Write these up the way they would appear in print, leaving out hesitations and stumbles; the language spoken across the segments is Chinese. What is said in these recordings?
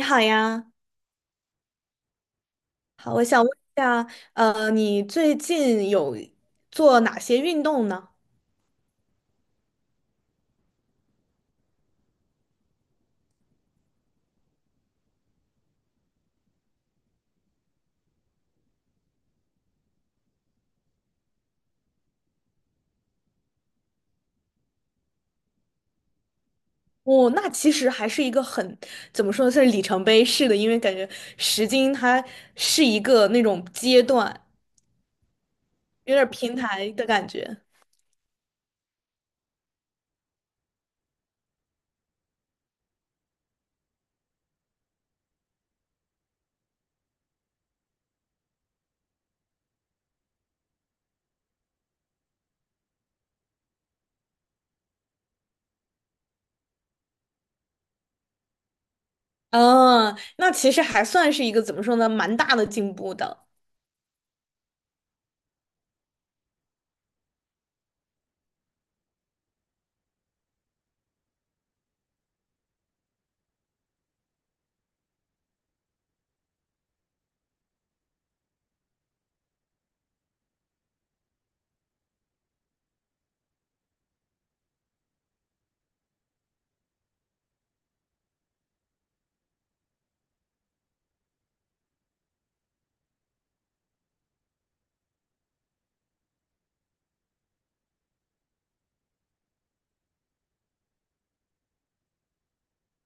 你好呀，好，我想问一下，你最近有做哪些运动呢？哦，那其实还是一个很，怎么说呢，算是里程碑式的，因为感觉10斤它是一个那种阶段，有点儿平台的感觉。嗯，那其实还算是一个怎么说呢，蛮大的进步的。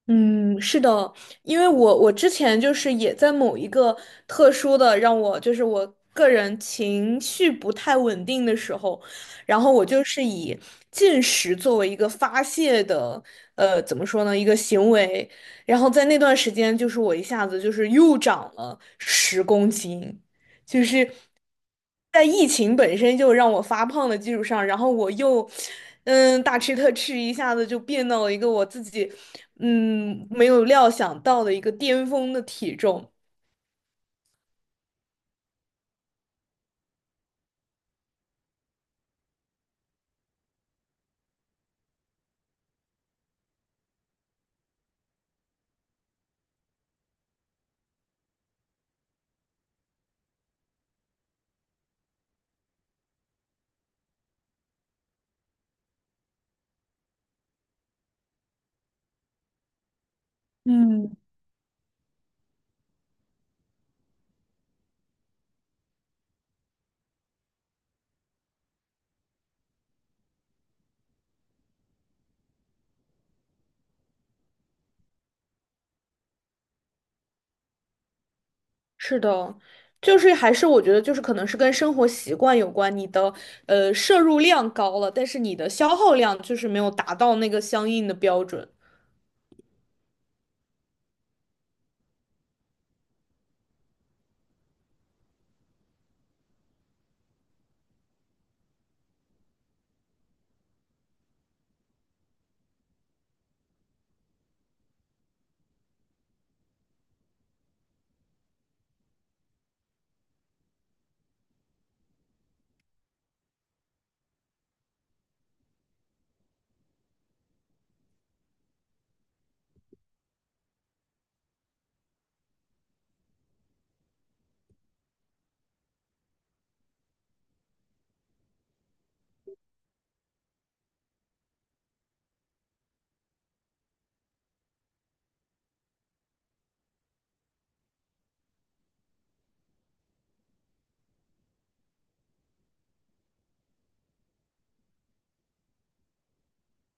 嗯，是的，因为我之前就是也在某一个特殊的让我就是我个人情绪不太稳定的时候，然后我就是以进食作为一个发泄的，怎么说呢，一个行为，然后在那段时间就是我一下子就是又长了10公斤。就是在疫情本身就让我发胖的基础上，然后我又嗯大吃特吃，一下子就变到了一个我自己嗯没有料想到的一个巅峰的体重。嗯，是的，就是还是我觉得就是可能是跟生活习惯有关，你的摄入量高了，但是你的消耗量就是没有达到那个相应的标准。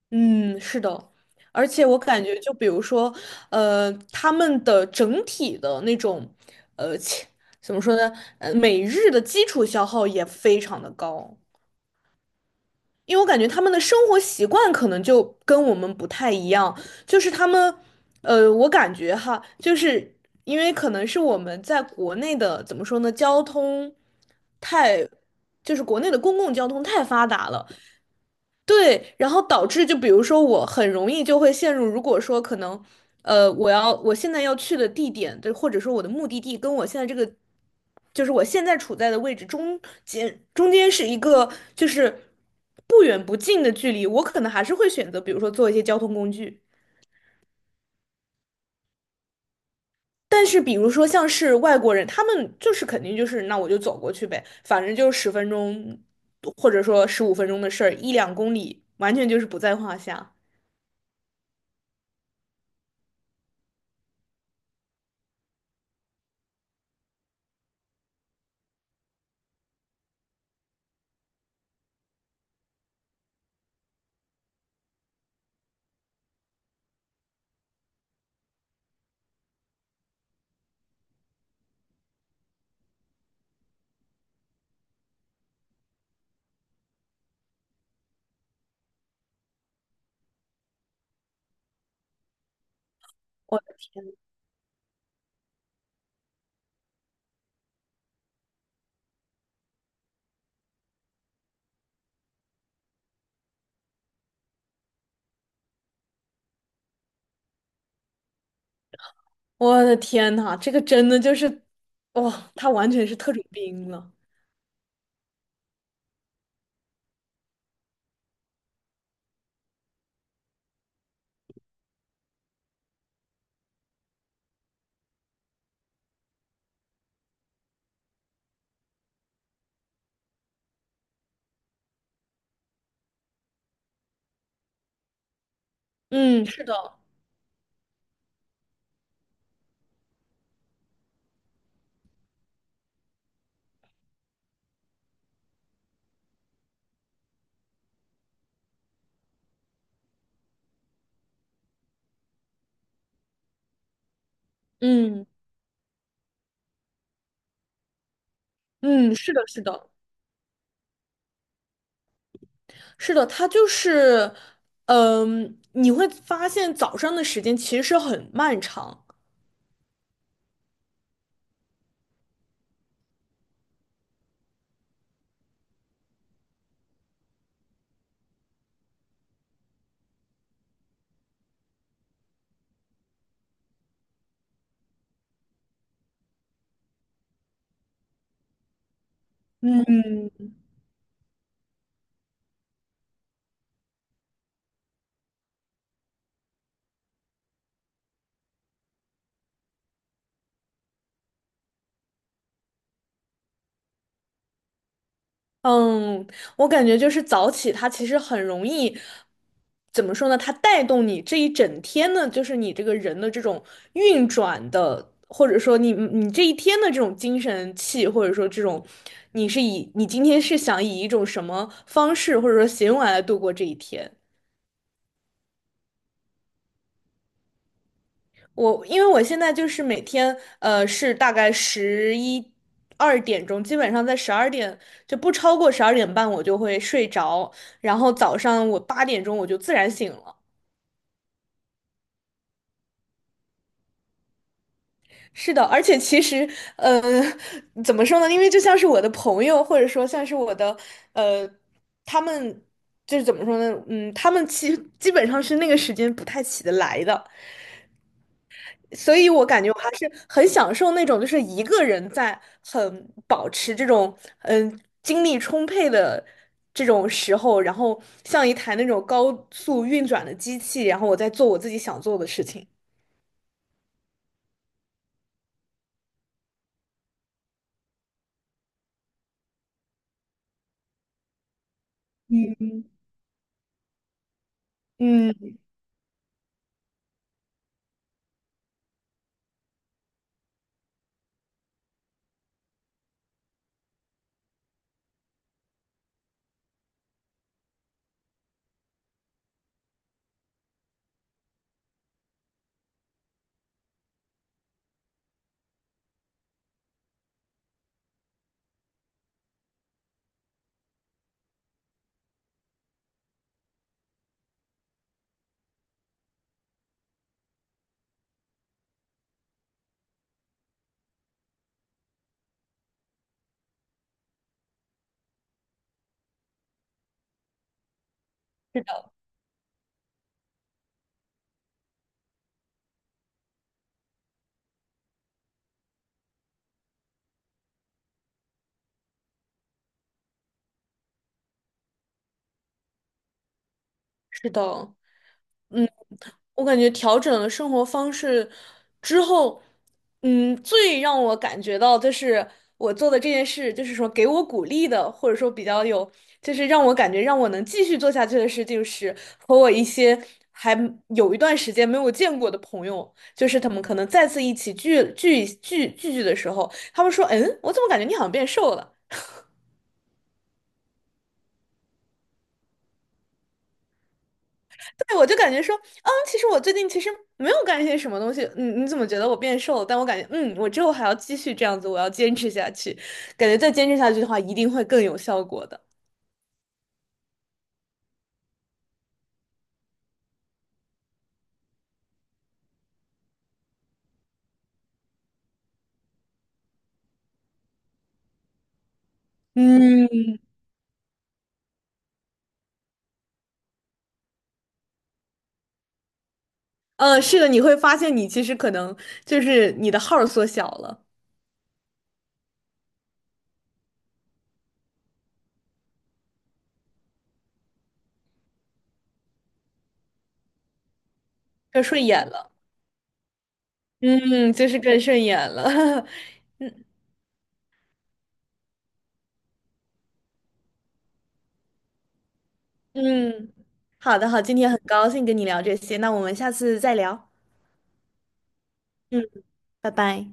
嗯，是的，而且我感觉，就比如说，他们的整体的那种，呃，切怎么说呢？每日的基础消耗也非常的高，因为我感觉他们的生活习惯可能就跟我们不太一样，就是他们，我感觉哈，就是因为可能是我们在国内的，怎么说呢，交通太，就是国内的公共交通太发达了。对，然后导致就比如说我很容易就会陷入，如果说可能，我现在要去的地点，对，或者说我的目的地跟我现在这个，就是我现在处在的位置中间是一个就是不远不近的距离，我可能还是会选择，比如说做一些交通工具。但是比如说像是外国人，他们就是肯定就是那我就走过去呗，反正就10分钟或者说15分钟的事儿，1、2公里完全就是不在话下。我的天呐，这个真的就是，哇、他完全是特种兵了。嗯，是的，嗯嗯，是的，是的，是的，他就是，嗯、你会发现早上的时间其实是很漫长。嗯，嗯，我感觉就是早起，它其实很容易，怎么说呢？它带动你这一整天的，就是你这个人的这种运转的，或者说你这一天的这种精神气，或者说这种，你今天是想以一种什么方式或者说行为来度过这一天？我因为我现在就是每天，是大概11、12点钟，基本上在十二点就不超过12点半，我就会睡着。然后早上我8点钟我就自然醒了。是的，而且其实，呃，怎么说呢？因为就像是我的朋友，或者说像是我的，呃，他们就是怎么说呢？嗯，他们基本上是那个时间不太起得来的。所以我感觉我还是很享受那种，就是一个人在很保持这种精力充沛的这种时候，然后像一台那种高速运转的机器，然后我在做我自己想做的事情。嗯，嗯，是的，是的。嗯，我感觉调整了生活方式之后，嗯，最让我感觉到就是我做的这件事，就是说给我鼓励的，或者说比较有，就是让我感觉让我能继续做下去的事，就是和我一些还有一段时间没有见过的朋友，就是他们可能再次一起聚的时候，他们说，嗯，我怎么感觉你好像变瘦了？对，我就感觉说，嗯，其实我最近其实没有干一些什么东西，嗯，你怎么觉得我变瘦了？但我感觉，嗯，我之后还要继续这样子，我要坚持下去，感觉再坚持下去的话，一定会更有效果的。嗯，是的，你会发现你其实可能就是你的号儿缩小了，更顺眼了，嗯，就是更顺眼了，嗯，好的，好，今天很高兴跟你聊这些，那我们下次再聊，嗯，拜拜。